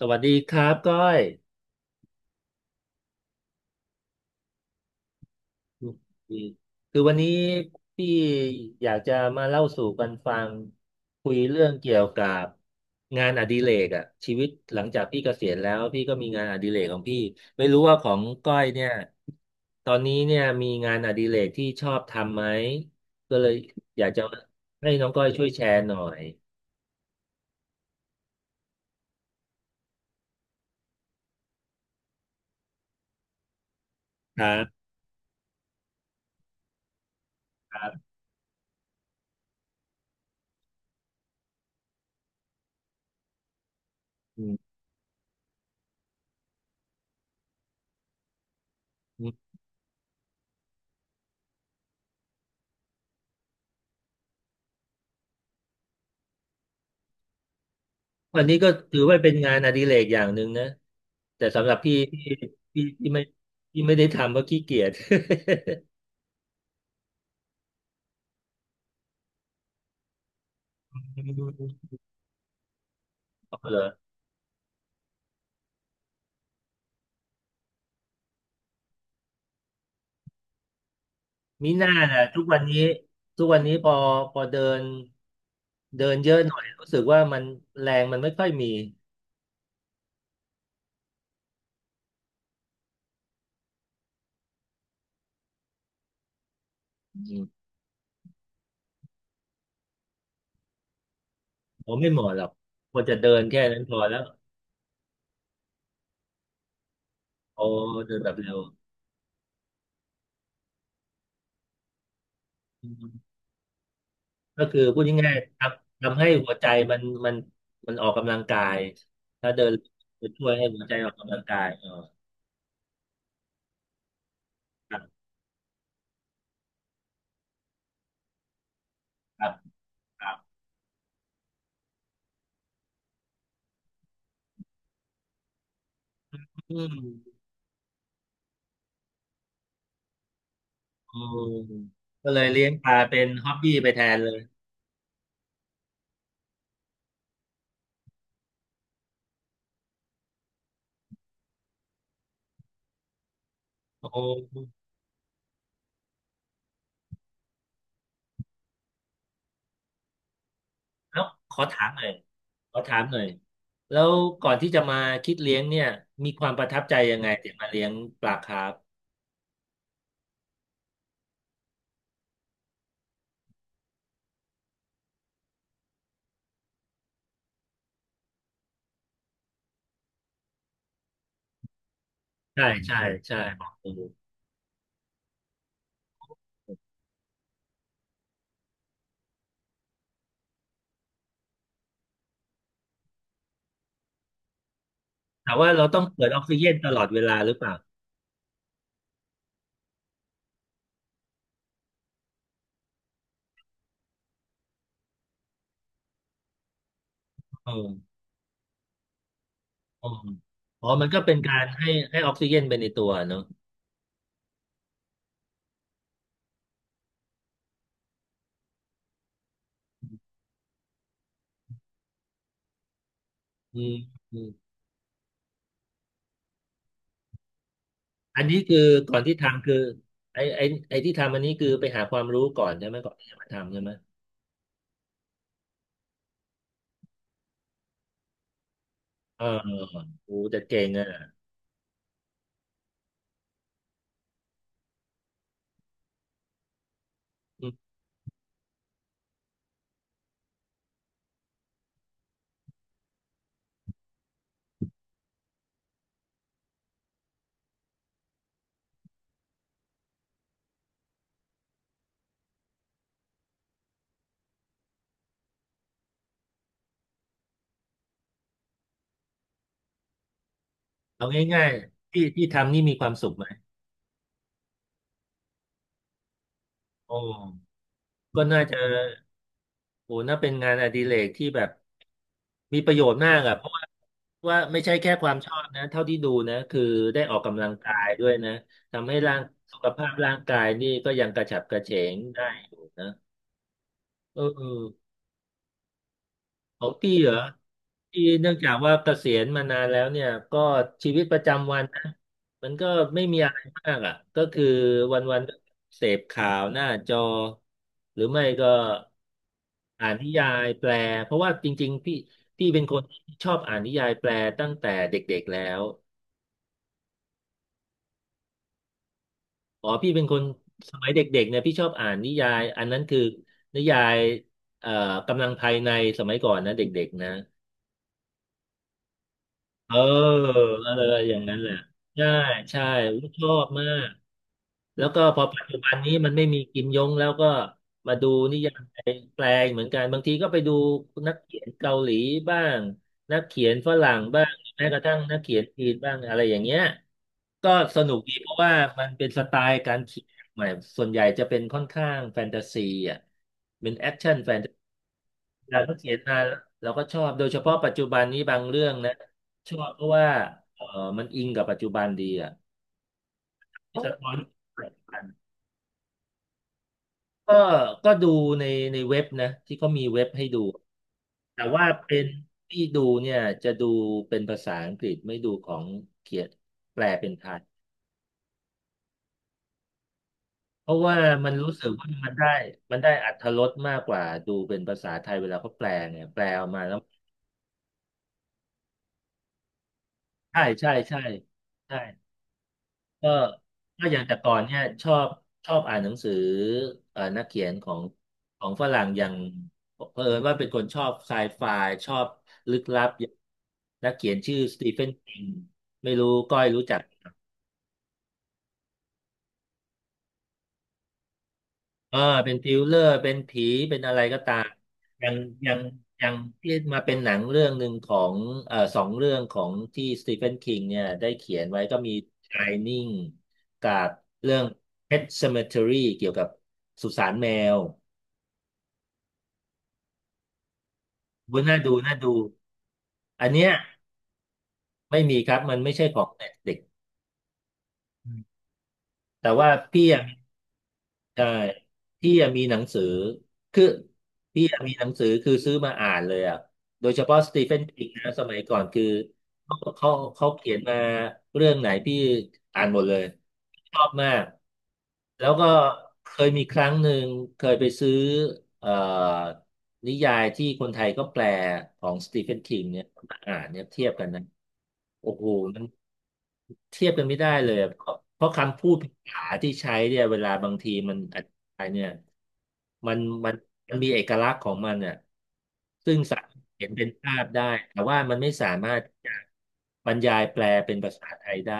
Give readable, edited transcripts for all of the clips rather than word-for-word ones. สวัสดีครับก้อยคือวันนี้พี่อยากจะมาเล่าสู่กันฟังคุยเรื่องเกี่ยวกับงานอดิเรกอะชีวิตหลังจากพี่เกษียณแล้วพี่ก็มีงานอดิเรกของพี่ไม่รู้ว่าของก้อยเนี่ยตอนนี้เนี่ยมีงานอดิเรกที่ชอบทำไหมก็เลยอยากจะให้น้องก้อยช่วยแชร์หน่อยครับครับอืม อันนี้ก็ถือว่าเป็นงานอดิเรกอย่างหนึ่งนะแต่สำหรับพี่ที่ไม่ที่ไม่ได้ทำเพราะขี้เกียจ อ๋อเหรอมีหน้านะทุกวันนี้ทุกวันนี้พอพอเดินเดินเยอะหน่อยรู้สึกว่ามันแรงมันไม่ค่อยมีอืมผมไม่เหมาะหรอกควรจะเดินแค่นั้นพอแล้วโอ้เดินแบบเร็วอืมก็คือพูดง่ายๆทำทำให้หัวใจมันมันมันออกกำลังกายถ้าเดินจะช่วยให้หัวใจออกกำลังกาย ครับครับครับอืมโอ้ก็เลยเลี้ยงปลาเป็นฮ็อบบี้ไปแทนเลยโอ้แล้วขอถามหน่อยขอถามหน่อยแล้วก่อนที่จะมาคิดเลี้ยงเนี่ยมีความประทับใจยังไงถึงมาเลี้ยงปลาคาร์ฟใช่ใช่ใช่บอกเออแต่ว่าเราต้องเปิดออกซิเจนตลอดเวลาหรือเปล่าเออเอออ๋อมันก็เป็นการให้ให้ออกซิเจนไปในตัวเนอะอืม อันนี้คือก่อนที่ทำคือไอ้ไอ้ไอ้ที่ทำอันนี้คือไปหาความรู้ก่อนใช่ไหมก่อนที่จะมาทำใช่ไหมเออโอ้แต่เก่งอ่ะอืมเอาง่ายๆที่ที่ทำนี่มีความสุขไหมโอ้ก็น่าจะโอ้น่าเป็นงานอดิเรกที่แบบมีประโยชน์มากอ่ะเพราะว่าว่าไม่ใช่แค่ความชอบนะเท่าที่ดูนะคือได้ออกกำลังกายด้วยนะทำให้ร่างสุขภาพร่างกายนี่ก็ยังกระฉับกระเฉงได้อยู่นะเออ ของตี้เหรอที่เนื่องจากว่าเกษียณมานานแล้วเนี่ยก็ชีวิตประจำวันนะมันก็ไม่มีอะไรมากอ่ะก็คือวันๆเสพข่าวหน้าจอหรือไม่ก็อ่านนิยายแปลเพราะว่าจริงๆพี่เป็นคนที่ชอบอ่านนิยายแปลตั้งแต่เด็กๆแล้วอ๋อพี่เป็นคนสมัยเด็กๆเนี่ยพี่ชอบอ่านนิยายอันนั้นคือนิยายเอ่อกำลังภายในสมัยก่อนนะเด็กๆนะ เอออะไรอย่างนั้นแหละใช่ใช่อุ๊ยชอบมากแล้วก็พอปัจจุบันนี้มันไม่มีกิมยงแล้วก็มาดูนิยายแปลเหมือนกันบางทีก็ไปดูนักเขียนเกาหลีบ้างนักเขียนฝรั่งบ้างแม้กระทั่งนักเขียนจีนบ้างอะไรอย่างเงี้ยก็สนุกดีเพราะว่ามันเป็นสไตล์การเขียนใหม่ส่วนใหญ่จะเป็นค่อนข้างแฟนตาซีอ่ะเป็นแอคชั่นแฟน เราก็เขียนมาเราก็ชอบโดยเฉพาะปัจจุบันนี้บางเรื่องนะชอบเพราะว่าเออมันอิงกับปัจจุบันดีอ่ะสะท้อนปัจจุบันก็ก็ดูในในเว็บนะที่เขามีเว็บให้ดูแต่ว่าเป็นที่ดูเนี่ยจะดูเป็นภาษาอังกฤษไม่ดูของเขียนแปลเป็นไทยเพราะว่ามันรู้สึกว่ามันได้อรรถรสมากกว่าดูเป็นภาษาไทยเวลาเขาแปลเนี่ยแปลออกมาแล้วใช่ใช่ใช่ใช่ ก็ก็อย่างแต่ก่อนเนี่ยชอบชอบอ่านหนังสือนักเขียนของของฝรั่งอย่างเผอิญว่าเป็นคนชอบไซไฟชอบลึกลับอย่างนักเขียนชื่อสตีเฟน i ิงไม่รู้ก้อยรู้จัก เออเป็นทริลเลอร์เป็นผีเป็นอะไรก็ตามอย่างอย่างอย่างที่มาเป็นหนังเรื่องหนึ่งของสองเรื่องของที่สตีเฟนคิงเนี่ยได้เขียนไว้ก็มีไ h นิ่งกับเรื่อง Pet Cemetery เอมอีทีอาร์วายเกี่ยวกับสุสานแมวดูน่าดูน่าดูอันเนี้ยไม่มีครับมันไม่ใช่ของ n e t f l i อืมแต่ว่าพี่อัะใช่พี่อะมีหนังสือคือพี่อัะมีหนังสือคือซื้อมาอ่านเลยอ่ะโดยเฉพาะสตีเฟนคิงนะสมัยก่อนคือ เขาเขาเขาเขียนมาเรื่องไหนพี่อ่านหมดเลยชอบมากแล้วก็เคยมีครั้งหนึ่งเคยไปซื้อเอ่อนิยายที่คนไทยก็แปลของสตีเฟนคิงเนี่ยมาอ่านเนี่ยเทียบกันนะโอ้โหมันเทียบกันไม่ได้เลยอะเพราะเพราะคำพูดภาษาที่ใช้เนี่ยเวลาบางทีมันอธิบายเนี่ยมันมันมันมีเอกลักษณ์ของมันเนี่ยซึ่งสา เห็นเป็นภาพได้ แต่ว่ามันไม่สามารถจะบรรยายแปลเป็นภาษาไทยได้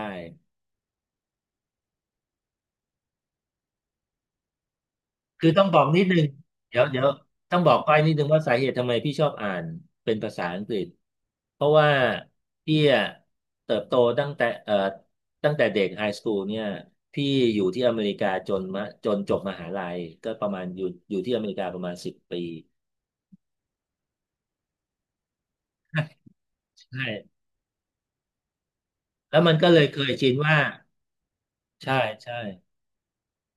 คือต้องบอกนิดนึงเดี๋ยวต้องบอกก้อยนิดนึงว่าสาเหตุทำไมพี่ชอบอ่านเป็นภาษาอังกฤษ เพราะว่าพี่อะเติบโตตั้งแต่ตั้งแต่เด็กไฮสคูลเนี่ยพี่อยู่ที่อเมริกาจนมาจนจบมหาลัยก็ประมาณอยู่ที่อเมริกาประมาณสิบปีใช่แล้วมันก็เลยเคยชินว่าใช่ใช่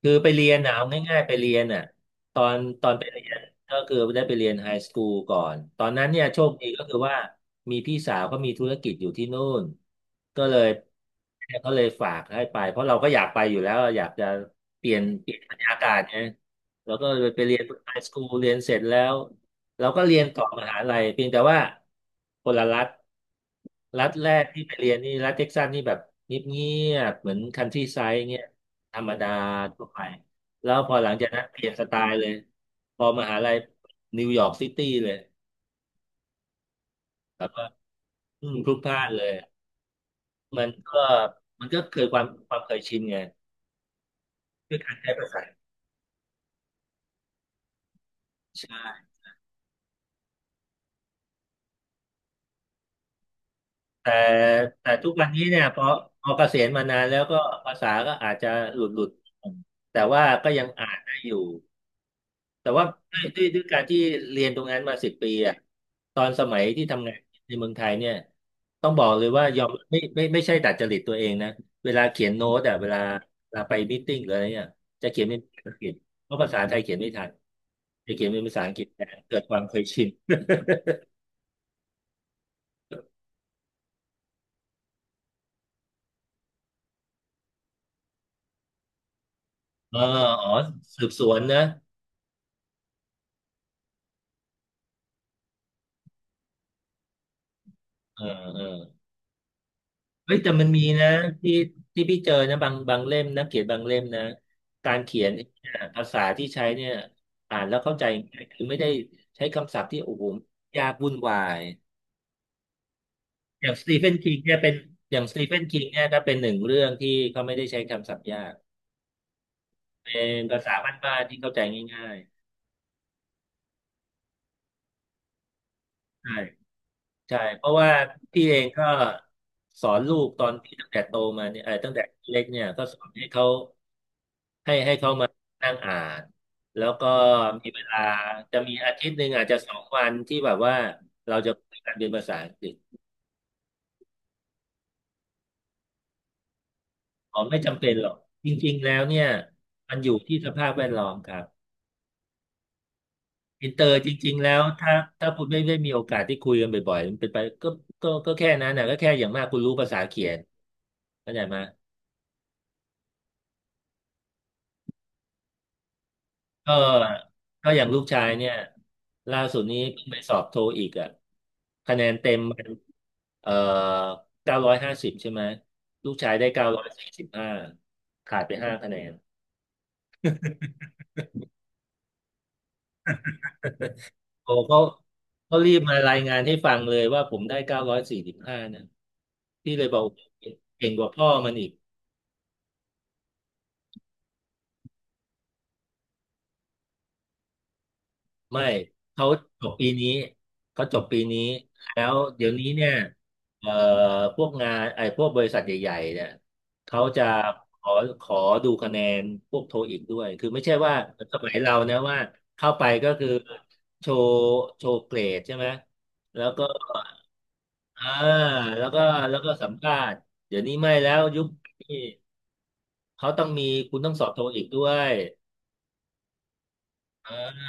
คือไปเรียนน่ะเอาง่ายๆไปเรียนน่ะตอนไปเรียนก็คือได้ไปเรียนไฮสคูลก่อนตอนนั้นเนี่ยโชคดีก็คือว่ามีพี่สาวเขามีธุรกิจอยู่ที่นู่นก็เลยเขาเลยฝากให้ไปเพราะเราก็อยากไปอยู่แล้วอยากจะเปลี่ยนบรรยากาศไงแล้วก็เลยไปเรียนไฮสคูลเรียนเสร็จแล้วเราก็เรียนต่อมหาลัยเพียงแต่ว่าคนละรัฐรัฐแรกที่ไปเรียนนี่รัฐเท็กซัสนี่แบบเงียบๆเหมือนคันทรีไซด์เงี้ย ธรรมดาทั่วไปแล้วพอหลังจากนั้นเปลี่ยนสไตล์เลยพอมหาลัยนิวยอร์กซิตี้เลยแบบว่าพลุกพล่านเลยมันก็มันก็เกิดความเคยชินไงด้วยการใช้ภาษาใช่แต่แต่ทุกวันนี้เนี่ยพอเกษียณมานานแล้วก็ภาษาก็อาจจะหลุดแต่ว่าก็ยังอ่านได้อยู่ แต่ว่าด้วยการที่เรียนตรงนั้นมาสิบปีอะตอนสมัยที่ทำงานในเมืองไทยเนี่ยต้องบอกเลยว่ายอมไม่ใช่ดัดจริตตัวเองนะเวลาเขียนโน้ตอะเวลาไปมีตติ้งหรืออะไรเนี่ยจะเขียนเป็นภาษาอังกฤษเพราะภาษาไทยเขียนไม่ทันจะเขียนเป็นภาษาอังกฤษแต่เกิดความเคยชินเอออ๋อสืบสวนนะเออเออ เฮ้ยแต่มันมีนะที่ที่พี่เจอนะบางเล่มนะเขียนบางเล่มนะการเขียนเนี่ยภาษาที่ใช้เนี่ยอ่านแล้วเข้าใจง่ายคือไม่ได้ใช้คำศัพท์ที่โอ้โหยากวุ่นวายอย่างสตีเฟนคิงเนี่ยเป็นอย่างสตีเฟนคิงเนี่ยก็เป็นหนึ่งเรื่องที่เขาไม่ได้ใช้คำศัพท์ยากเป็นภาษาบ้านๆที่เข้าใจง่ายๆใช่ใช่เพราะว่าพี่เองก็สอนลูกตอนที่ตั้งแต่โตมาเนี่ยเออตั้งแต่เล็กเนี่ยก็สอนให้เขา ให้เขามานั่งอ่านแล้วก็มีเวลาจะมีอาทิตย์หนึ่งอาจจะ2 วันที่แบบว่าเราจะคุยกันเป็นภาษาอังกฤษอ๋อไม่จำเป็นหรอกจริงๆแล้วเนี่ยมันอยู่ที่สภาพแวดล้อมครับอินเตอร์จริงๆแล้วถ้าคุณไม่ได้มีโอกาสที่คุยกันบ่อยๆมันเป็นไปก็ก็แค่นั้นนะก็แค่อย่างมากคุณรู้ภาษาเขียนเข้าใจไหม ก็ก็อย่างลูกชายเนี่ยล่าสุดนี้เพิ่งไปสอบโทอีกอ่ะคะแนนเต็มมันเอ่อ950ใช่ไหมลูกชายได้เก้าร้อยสี่สิบห้าขาดไป5 คะแนนโอ้เขารีบมารายงานให้ฟังเลยว่าผมได้เก้าร้อยสี่สิบห้านะพี่เลยบอกเก่งกว่าพ่อมันอีก ไม่เขาจบปีนี้เขาจบปีนี้แล้วเดี๋ยวนี้เนี่ยเอ่อพวกงานไอ้พวกบริษัทใหญ่ๆเนี่ยเขาจะขอขอดูคะแนนพวกโทอีกด้วยคือไม่ใช่ว่าสมัยเรานะว่าเข้าไปก็คือโชว์โชว์เกรดใช่ไหมแล้วก็อ่าแล้วก็สัมภาษณ์เดี๋ยวนี้ไม่แล้วยุคนี้เขาต้องมีคุณต้องสอบโทอีกด้วยอ่า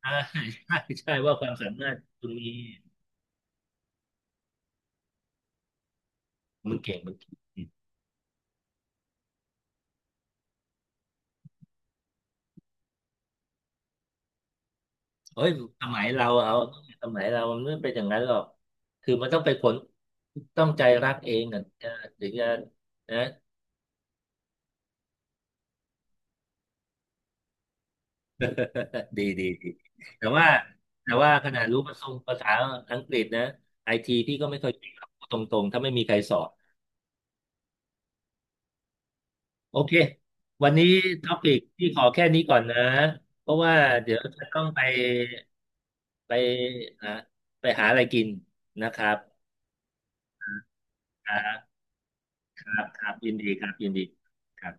ใชใช่ว่าความสามารถคุณมีมันเก่งมันเก่ง เอ้ยสมัยเราเอาสมัยเรามันไม่เป็นอย่างนั้นหรอกคือมันต้องไปขนต้องใจรักเองอ่ะถึงจะนะดีดีดีแต่ว่าแต่ว่าขนาดรู้ภาษาอังกฤษนะไอทีพี่ก็ไม่เคยเก่งหรอกพูดตรงๆถ้าไม่มีใครสอนโอเควันนี้ท็อปิกพี่ขอแค่นี้ก่อนนะเพราะว่าเดี๋ยวจะต้องไปไปอ่ะหาอะไรกินนะครับครับครับครับยินดีครับยินดีครับ